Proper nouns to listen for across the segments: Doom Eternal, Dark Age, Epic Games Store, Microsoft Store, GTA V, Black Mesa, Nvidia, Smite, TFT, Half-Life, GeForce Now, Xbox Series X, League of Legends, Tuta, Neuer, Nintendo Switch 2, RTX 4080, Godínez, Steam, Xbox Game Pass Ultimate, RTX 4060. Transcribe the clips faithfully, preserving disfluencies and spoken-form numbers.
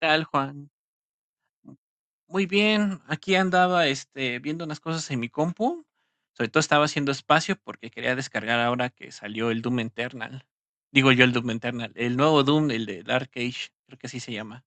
Tal, Juan? Muy bien, aquí andaba este, viendo unas cosas en mi compu. Sobre todo estaba haciendo espacio porque quería descargar ahora que salió el Doom Eternal. Digo yo el Doom Eternal, el nuevo Doom, el de Dark Age, creo que así se llama.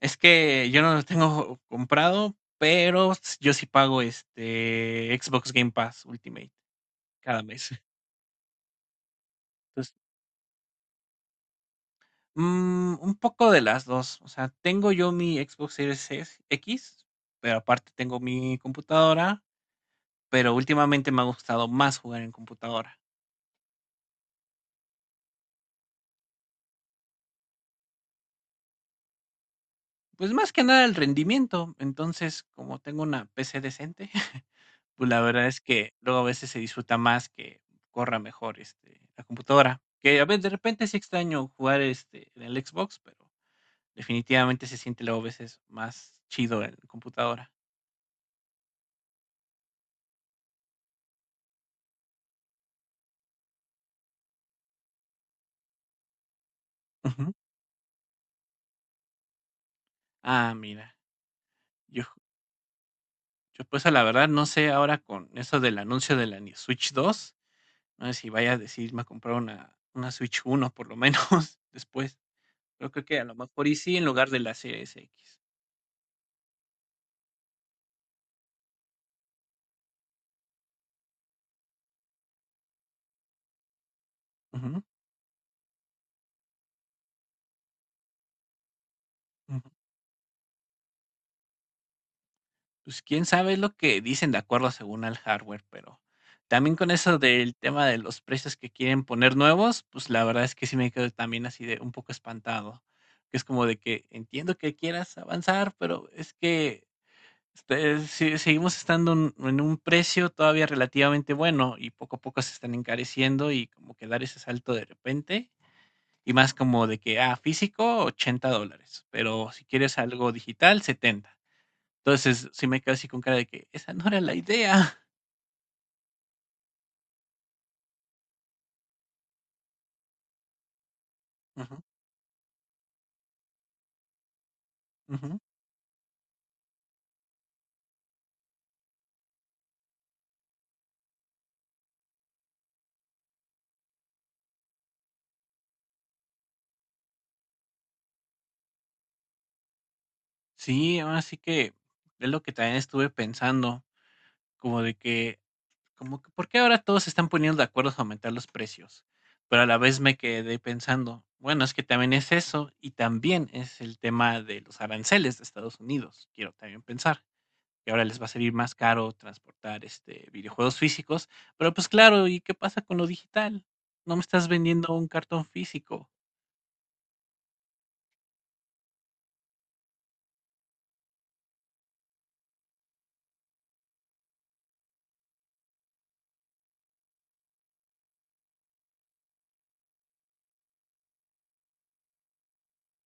Es que yo no lo tengo comprado, pero s- yo sí pago este Xbox Game Pass Ultimate cada mes. Entonces, mm, un poco de las dos. O sea, tengo yo mi Xbox Series X, pero aparte tengo mi computadora. Pero últimamente me ha gustado más jugar en computadora. Pues, más que nada el rendimiento. Entonces, como tengo una P C decente, pues, la verdad es que luego a veces se disfruta más que corra mejor, este, la computadora. Que a veces de repente sí extraño jugar, este, en el Xbox, pero definitivamente se siente luego a veces más chido en computadora. Ujú. Ah, mira, yo yo, pues, la verdad no sé ahora con eso del anuncio de la Ni Switch dos. No sé si vaya a decidirme a comprar una una Switch uno por lo menos después. Yo creo que a lo mejor y sí, en lugar de la Series X. Ujú, ujú. Pues, quién sabe, es lo que dicen de acuerdo según al hardware, pero también con eso del tema de los precios que quieren poner nuevos, pues, la verdad es que sí me quedo también así de un poco espantado, que es como de que entiendo que quieras avanzar, pero es que Este, eh, si seguimos estando en en un precio todavía relativamente bueno y poco a poco se están encareciendo y como que dar ese salto de repente y más como de que, ah, físico, ochenta dólares, pero si quieres algo digital, setenta. Entonces, sí me quedo así con cara de que esa no era la idea. Ujú, ujú. Sí, así que es lo que también estuve pensando, como de que como que, ¿por qué ahora todos se están poniendo de acuerdo a aumentar los precios? Pero a la vez me quedé pensando, bueno, es que también es eso y también es el tema de los aranceles de Estados Unidos. Quiero también pensar que ahora les va a salir más caro transportar este videojuegos físicos, pero pues claro, ¿y qué pasa con lo digital? No me estás vendiendo un cartón físico.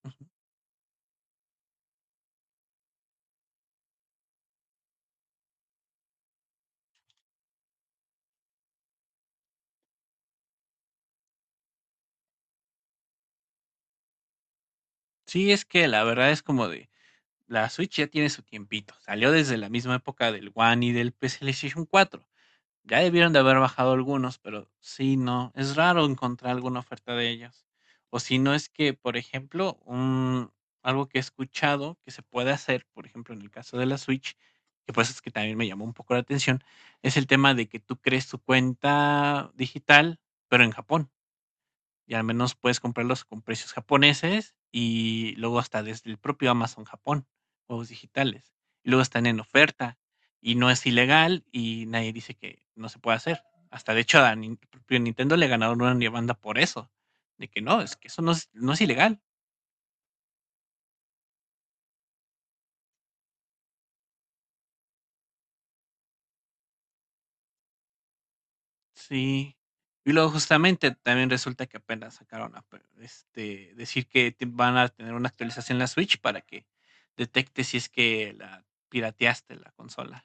Ujú. Sí, es que la verdad es como de la Switch ya tiene su tiempito. Salió desde la misma época del One y del PlayStation cuatro. Ya debieron de haber bajado algunos, pero sí, no, es raro encontrar alguna oferta de ellos. O si no es que, por ejemplo, un, algo que he escuchado que se puede hacer, por ejemplo, en el caso de la Switch, que pues es que también me llamó un poco la atención, es el tema de que tú crees tu cuenta digital, pero en Japón. Y al menos puedes comprarlos con precios japoneses y luego hasta desde el propio Amazon Japón, juegos digitales. Y luego están en oferta y no es ilegal y nadie dice que no se puede hacer. Hasta de hecho a Nin- el propio Nintendo le ganaron una demanda por eso, de que no, es que eso no es, no es ilegal. Sí. Y luego justamente también resulta que apenas sacaron a, pe- este, decir que te- van a tener una actualización en la Switch para que detecte si es que la pirateaste la consola.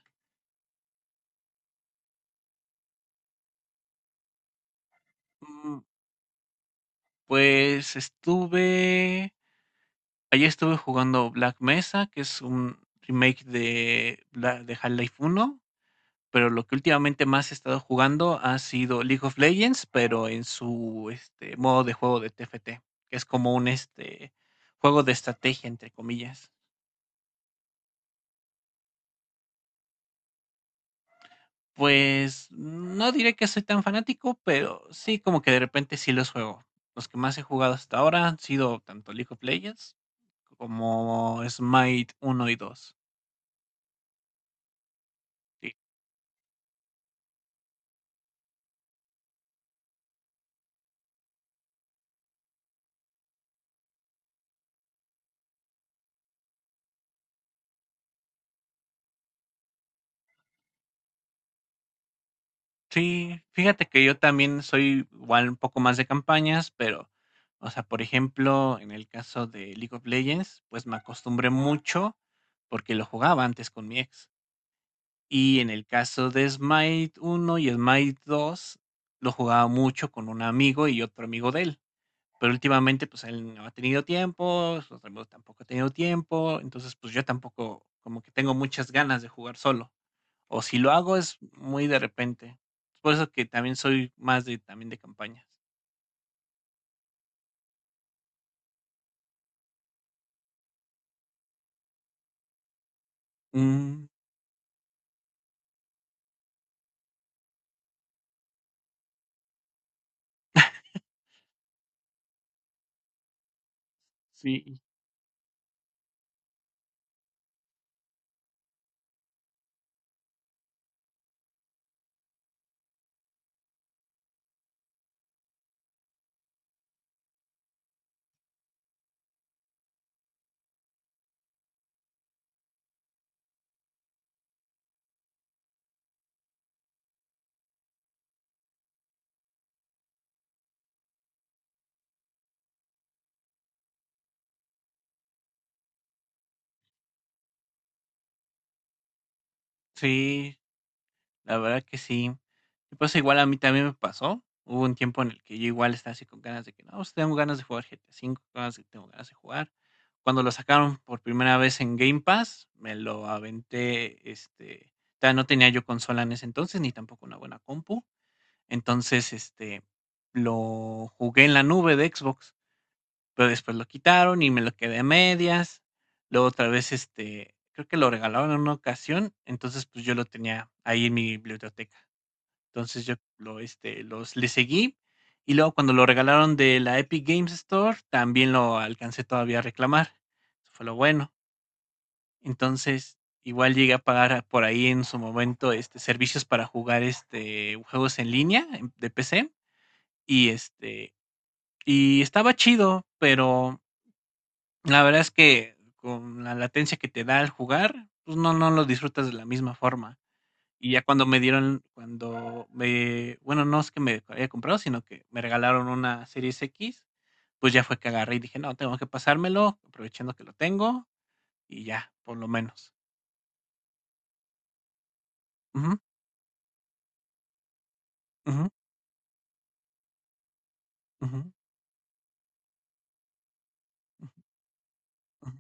Mm, Pues estuve ayer estuve jugando Black Mesa, que es un remake de, Bla- de Half-Life uno, pero lo que últimamente más he estado jugando ha sido League of Legends, pero en su este, modo de juego de T F T, que es como un este, juego de estrategia, entre comillas. Pues no diré que soy tan fanático, pero sí como que de repente sí los juego. Los que más he jugado hasta ahora han sido tanto League of Legends como Smite uno y dos. Sí, fíjate que yo también soy igual un poco más de campañas, pero, o sea, por ejemplo, en el caso de League of Legends, pues me acostumbré mucho porque lo jugaba antes con mi ex. Y en el caso de Smite uno y Smite dos lo jugaba mucho con un amigo y otro amigo de él. Pero últimamente, pues él no ha tenido tiempo, su otro amigo tampoco ha tenido tiempo, entonces, pues yo tampoco, como que tengo muchas ganas de jugar solo. O si lo hago es muy de repente. Es por eso que también soy más de también de campañas. Mm, sí. Sí, la verdad que sí. Y pues igual a mí también me pasó. Hubo un tiempo en el que yo igual estaba así con ganas de que, no, pues, tengo ganas de jugar G T A uve, ganas de- tengo ganas de jugar. Cuando lo sacaron por primera vez en Game Pass, me lo aventé, este, todavía no tenía yo consola en ese entonces, ni tampoco una buena compu. Entonces, este, lo jugué en la nube de Xbox. Pero después lo quitaron y me lo quedé a medias. Luego otra vez, este, creo que lo regalaron en una ocasión, entonces pues yo lo tenía ahí en mi biblioteca. Entonces yo lo, este, los le seguí y luego cuando lo regalaron de la Epic Games Store, también lo alcancé todavía a reclamar. Eso fue lo bueno. Entonces, igual llegué a pagar a- por ahí en su momento este, servicios para jugar este, juegos en línea en- de P C y este, y estaba chido, pero la verdad es que con la latencia que te da al jugar, pues no no lo disfrutas de la misma forma. Y ya cuando me dieron cuando me bueno, no es que me haya comprado, sino que me regalaron una Series X, pues ya fue que agarré y dije: "No, tengo que pasármelo, aprovechando que lo tengo", y ya, por lo menos. Ujú, ujú, ujú, ujú, ujú.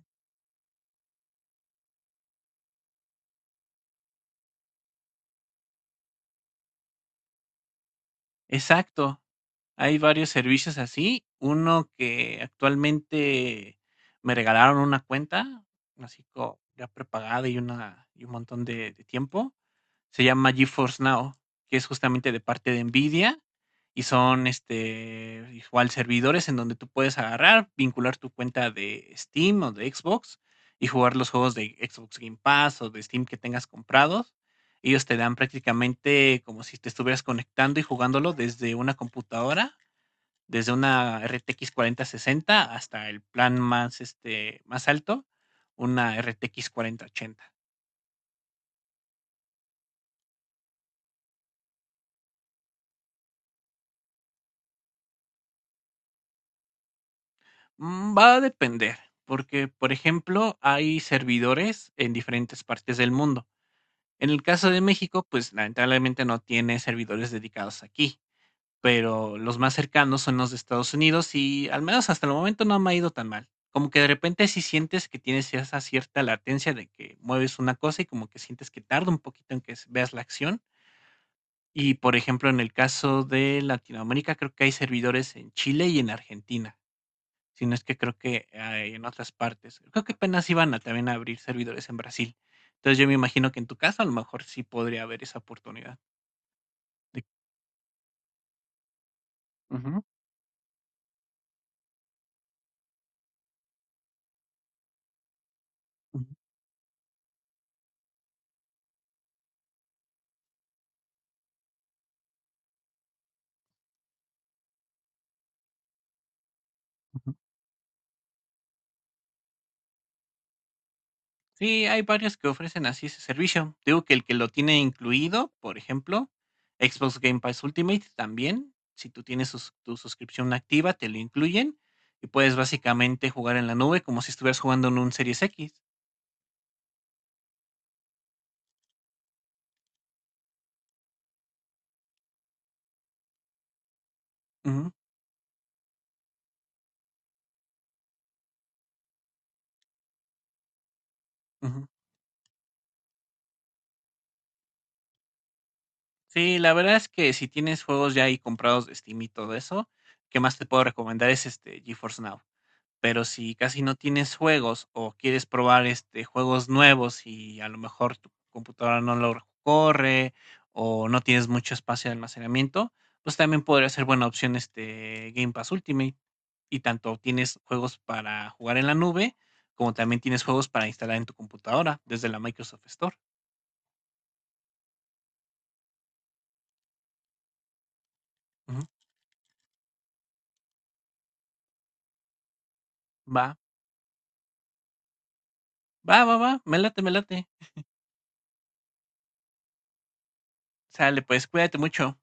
Exacto. Hay varios servicios así. Uno que actualmente me regalaron una cuenta, así como ya prepagada y una y un montón de, de tiempo. Se llama GeForce Now, que es justamente de parte de Nvidia y son este igual servidores en donde tú puedes agarrar, vincular tu cuenta de Steam o de Xbox y jugar los juegos de Xbox Game Pass o de Steam que tengas comprados. Ellos te dan prácticamente como si te estuvieras conectando y jugándolo desde una computadora desde una R T X cuarenta sesenta hasta el plan más, este, más alto, una R T X cuarenta ochenta. Mm, Va a depender, porque, por ejemplo, hay servidores en diferentes partes del mundo. En el caso de México, pues lamentablemente no tiene servidores dedicados aquí, pero los más cercanos son los de Estados Unidos y al menos hasta el momento no me ha ido tan mal. Como que de repente si sientes que tienes esa cierta latencia de que mueves una cosa y como que sientes que tarda un poquito en que veas la acción. Y, por ejemplo, en el caso de Latinoamérica, creo que hay servidores en Chile y en Argentina, si no es que creo que, ah, en otras partes. Creo que apenas iban a también abrir servidores en Brasil. Entonces, yo me imagino que en tu caso, a lo mejor sí podría haber esa oportunidad de. Ujú, ujú, ujú. Sí, hay varios que ofrecen así ese servicio. Digo que el que lo tiene incluido, por ejemplo, Xbox Game Pass Ultimate también, si tú tienes sus- tu suscripción activa, te lo incluyen y puedes básicamente jugar en la nube como si estuvieras jugando en un Series X. Ujú, ujú. Sí, la verdad es que si tienes juegos ya ahí comprados de Steam y todo eso, ¿qué más te puedo recomendar? Es este GeForce Now. Pero si casi no tienes juegos o quieres probar, este, juegos nuevos y a lo mejor tu computadora no lo corre o no tienes mucho espacio de almacenamiento, pues también podría ser buena opción, este, Game Pass Ultimate. Y tanto tienes juegos para jugar en la nube, como también tienes juegos para instalar en tu computadora desde la Microsoft Store. Ujú. Va, va, va, va, me late, me late. Sale, pues cuídate mucho.